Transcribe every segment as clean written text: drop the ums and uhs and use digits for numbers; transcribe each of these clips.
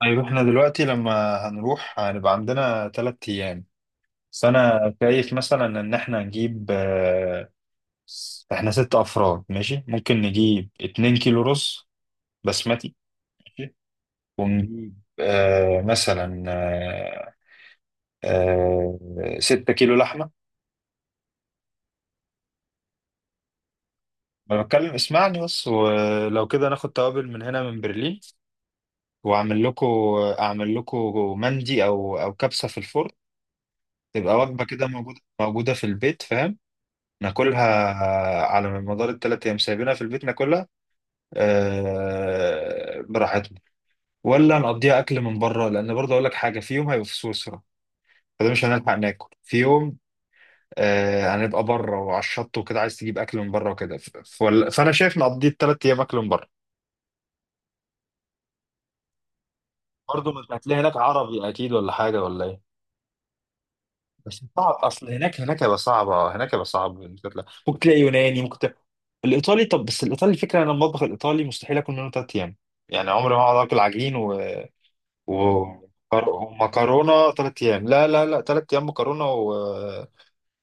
طيب احنا دلوقتي لما هنروح هنبقى عندنا 3 ايام. بس انا شايف مثلا ان احنا نجيب احنا 6 افراد، ماشي، ممكن نجيب 2 كيلو رز بسمتي. ماشي، ونجيب مثلا آه 6 كيلو لحمة. ما بتكلم اسمعني بس، ولو كده ناخد توابل من هنا من برلين واعمل لكم، اعمل لكم مندي او كبسة في الفرن. تبقى وجبة كده موجودة موجودة في البيت، فاهم. ناكلها على مدار الثلاث ايام سايبينها في البيت ناكلها، آه، براحتنا، ولا نقضيها اكل من بره، لان برضه اقول لك حاجه، في يوم هيبقى في سويسرا فده مش هنلحق ناكل في يوم، آه، هنبقى بره وعلى الشط وكده، عايز تجيب اكل من بره وكده. فانا شايف نقضي الثلاث ايام اكل من بره. برضه ما انت هتلاقي هناك عربي اكيد ولا حاجه ولا ايه؟ بس صعب، اصل هناك هيبقى صعبة، هناك هيبقى صعب إنك تطلع. ممكن تلاقي يوناني، ممكن تلاقي الايطالي. طب بس الايطالي، الفكره انا المطبخ الايطالي مستحيل اكل منه 3 ايام. يعني عمري ما هقعد اكل عجين و... ومكرونه 3 ايام. لا لا لا، 3 ايام مكرونه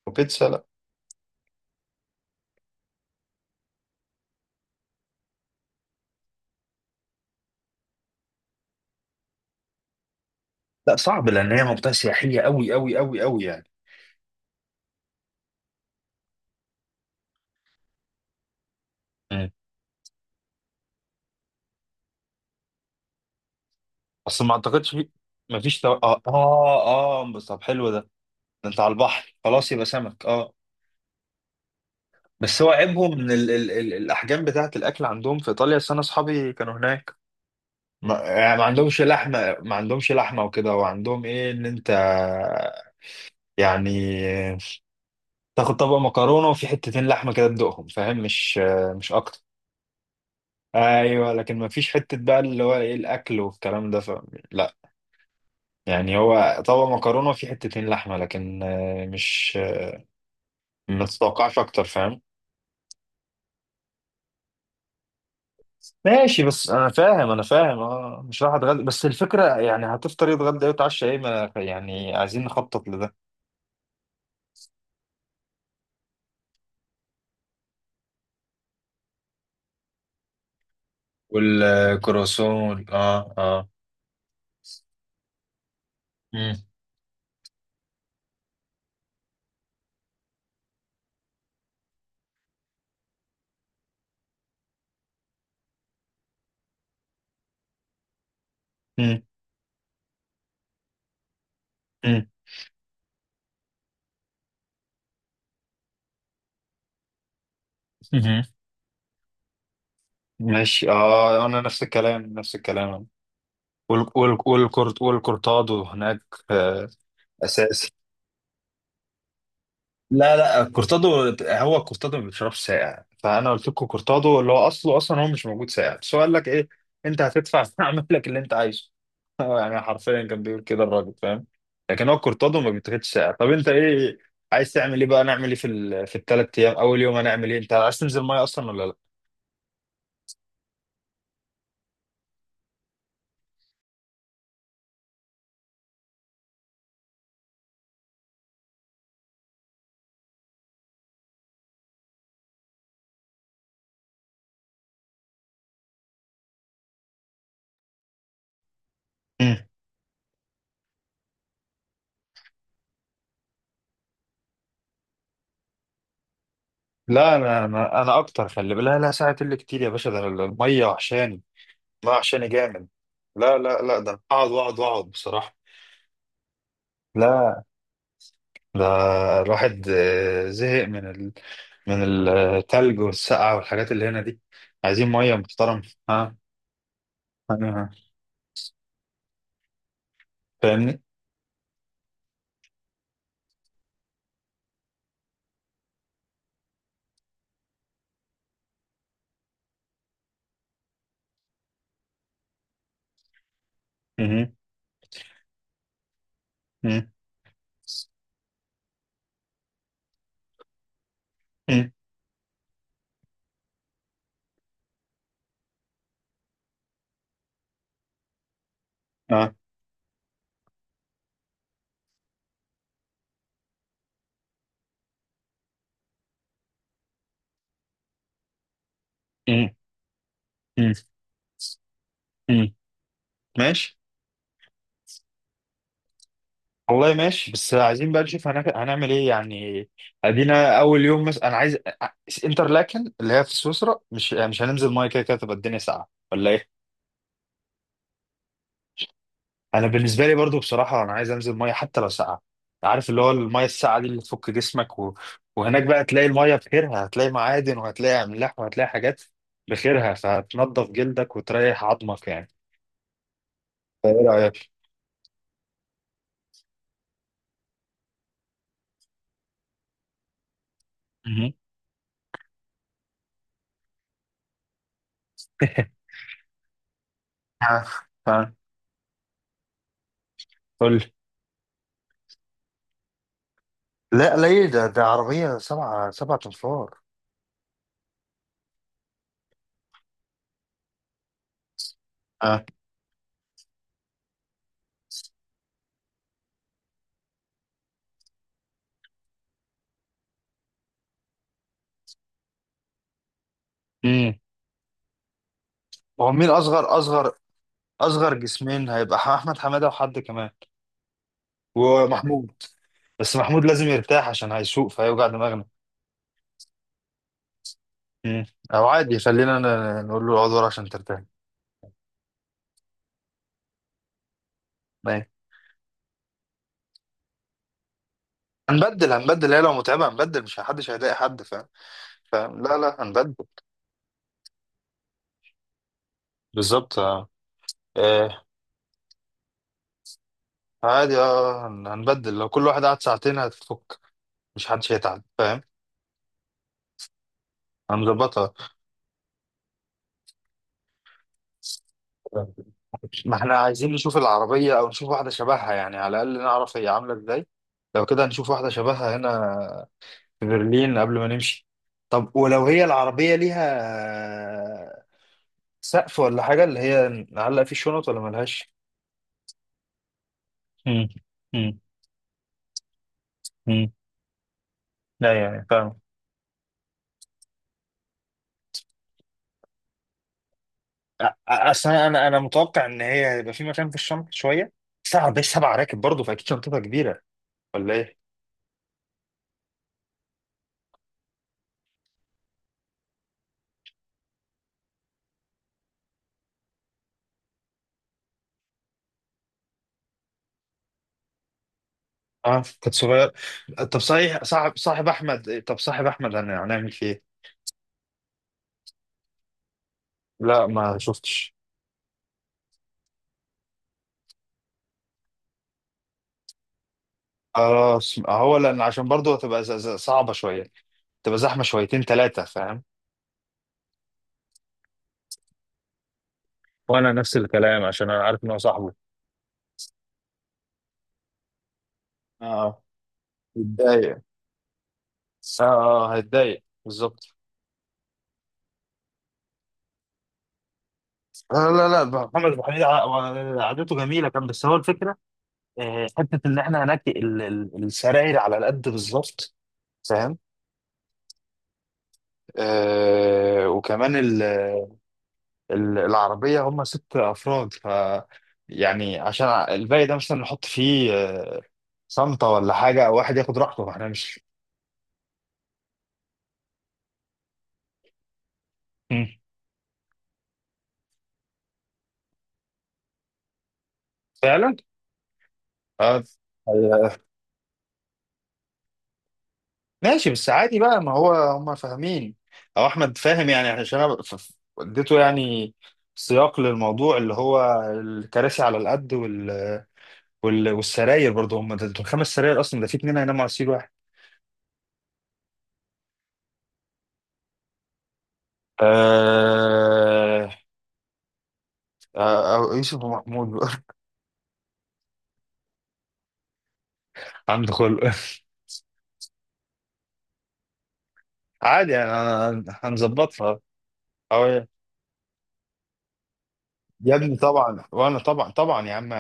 وبيتزا؟ لا. لا، صعب لان هي منطقه سياحيه قوي قوي قوي قوي يعني. مم. اصل ما اعتقدش في، ما فيش تو... اه اه اه بس طب حلو ده. ده انت على البحر خلاص يبقى سمك، اه. بس هو عيبهم من ال الاحجام بتاعه الاكل عندهم في ايطاليا، أصل انا اصحابي كانوا هناك. ما, يعني ما عندهمش لحمه، ما عندهمش لحمه وكده، وعندهم ايه ان انت يعني تاخد طبق مكرونه وفي حتتين لحمه كده تدوقهم، فاهم، مش اكتر. ايوه لكن ما فيش حته بقى اللي هو ايه الاكل والكلام ده لا، يعني هو طبق مكرونه وفي حتتين لحمه لكن مش، ما تتوقعش اكتر، فاهم. ماشي، بس انا فاهم اه، مش راح اتغدى، بس الفكره يعني هتفطر ايه، اتغدى ايه، وتعشى ايه، ما يعني عايزين نخطط لده. والكرواسون، اه اه. مم. مم. مم. مهم. ماشي، اه، انا نفس الكلام نفس الكلام. والكورت والكورتادو هناك، آه، اساسي. لا لا، كورتادو. هو كورتادو ما بيشربش ساقع، فانا قلت لكم كورتادو اللي هو اصله اصلا هو مش موجود ساقع، بس هو قال لك ايه، انت هتدفع فاعمل لك اللي انت عايزه. هو يعني حرفيا كان بيقول كده الراجل، فاهم. لكن هو كورتادو ما بيتاخدش ساقع. طب انت ايه عايز تعمل ايه بقى؟ نعمل ايه في في الثلاث ايام؟ اول يوم هنعمل ايه؟ انت عايز تنزل ميه اصلا ولا لا؟ مم. لا، انا اكتر، خلي بالك، لا لا، ساعه اللي كتير يا باشا، ده أنا الميه وحشاني، الميه وحشاني جامد. لا لا لا، ده أنا اقعد واقعد واقعد بصراحه. لا، ده الواحد زهق من من التلج والسقعة والحاجات اللي هنا دي، عايزين مية محترمة. ها. أنا فاهمني. مهم. مم. مم. آه. مم. مم. مم. ماشي. والله ماشي، بس عايزين بقى نشوف هنعمل ايه يعني. ادينا اول يوم، مثلا انا عايز انترلاكن اللي هي في سويسرا، مش هننزل ميه؟ كده كده تبقى الدنيا ساقعه ولا ايه؟ انا بالنسبه لي برضو بصراحه انا عايز انزل ميه حتى لو ساقعه. عارف اللي هو الميه الساقعه دي اللي تفك جسمك وهناك بقى تلاقي الميه بخيرها، هتلاقي معادن وهتلاقي املاح وهتلاقي حاجات بخيرها، فهتنضف جلدك وتريح عظمك يعني. فايه رايك؟ مهم. ها. ها. قول لي. لا ليه؟ ده ده عربية سبعة 7 أنفار. ها. امم. هو مين أصغر جسمين هيبقى أحمد حمادة وحد كمان، ومحمود. بس محمود لازم يرتاح عشان هيسوق، فهيوجع دماغنا. مم. او عادي خلينا نقول له اقعد ورا عشان ترتاح. ماشي. هنبدل، هي لو متعبه هنبدل، مش محدش هيضايق حد، فاهم. فاهم، لا لا، هنبدل. بالظبط. اه، آه، عادي اه، هنبدل لو كل واحد قعد ساعتين هتفك، مش حدش هيتعب، فاهم. هنظبطها. ما احنا عايزين نشوف العربيه او نشوف واحده شبهها يعني، على الاقل نعرف هي عامله ازاي. لو كده هنشوف واحده شبهها هنا في برلين قبل ما نمشي. طب ولو هي العربيه ليها سقف ولا حاجة اللي هي نعلق فيه شنط ولا ملهاش؟ مم. مم. مم. لا، يعني فاهم. اصل انا انا أنا متوقع ان هي هيبقى في مكان في الشنطه شويه، سبعة بس 7 راكب برضه، فاكيد شنطتها كبيره ولا ايه؟ اه كانت صغيره. طب صحيح، صاحب احمد إيه؟ طب صاحب احمد هنعمل فيه ايه؟ لا ما شفتش. خلاص، هو لان عشان برضه هتبقى صعبه شويه، تبقى زحمه شويتين ثلاثه، فاهم. وانا نفس الكلام عشان انا عارف ان هو صاحبه. اه اتضايق، اه هيتضايق بالظبط. لا لا لا، محمد ابو حميد قعدته جميله كان، بس هو الفكره حته ان احنا هناك السراير على قد بالظبط، فاهم. آه، وكمان ال- العربيه هم 6 افراد، ف يعني عشان الباقي ده مثلا نحط فيه صنطه ولا حاجه، او واحد ياخد راحته فاحنا مش. مم. فعلا. اه ماشي، بس عادي بقى، ما هو هم فاهمين او احمد فاهم يعني، عشان انا اديته يعني سياق للموضوع اللي هو الكراسي على القد والسراير. برضه هم ده دول 5 سراير اصلا، ده في اتنين هيناموا على سرير واحد. آه... أو يوسف ومحمود بقى. عنده خلق عادي يعني، هنظبطها. أو يا ابني، طبعا، وانا طبعا طبعا يا عم.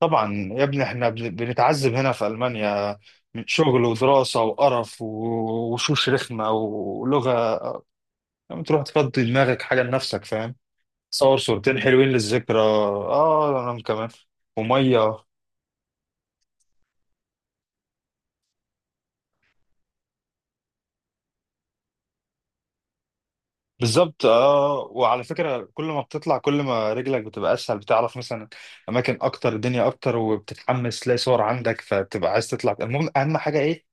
طبعا يا ابني، احنا بنتعذب هنا في ألمانيا من شغل ودراسة وقرف وشوش رخمة ولغة. لما تروح تفضي دماغك حاجة لنفسك، فاهم. صور صورتين حلوين للذكرى، اه انا كمان. ومية. بالظبط اه. وعلى فكرة، كل ما بتطلع كل ما رجلك بتبقى اسهل، بتعرف مثلا اماكن اكتر، الدنيا اكتر، وبتتحمس تلاقي صور عندك فتبقى عايز تطلع. المهم، اهم حاجة ايه؟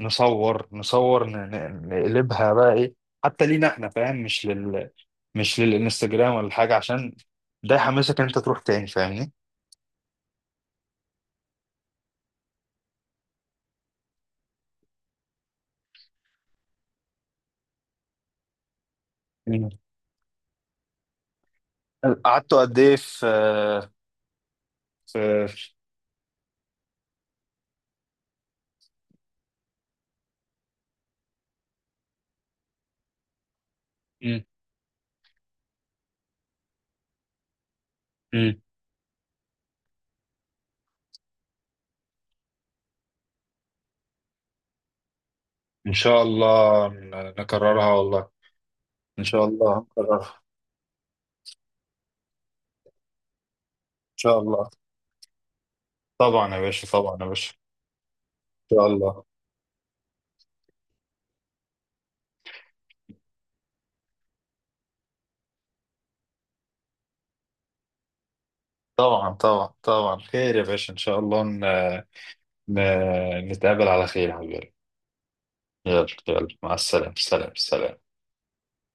نصور نصور، نقلبها بقى ايه، حتى لينا احنا، فاهم، مش لل، مش للانستجرام ولا حاجه، عشان ده يحمسك ان انت تروح تاني، فاهمني. مم. قعدتوا قد ايه في في في- مم. مم. ان شاء الله نكررها والله. ان شاء الله هنكررها. ان شاء الله. طبعا يا باشا، طبعا يا باشا. ان شاء الله. طبعا طبعا طبعا، خير يا باشا، ان شاء الله ن... نتقابل على خير يا حبيبي. يلا يلا، مع السلامه، سلام سلام.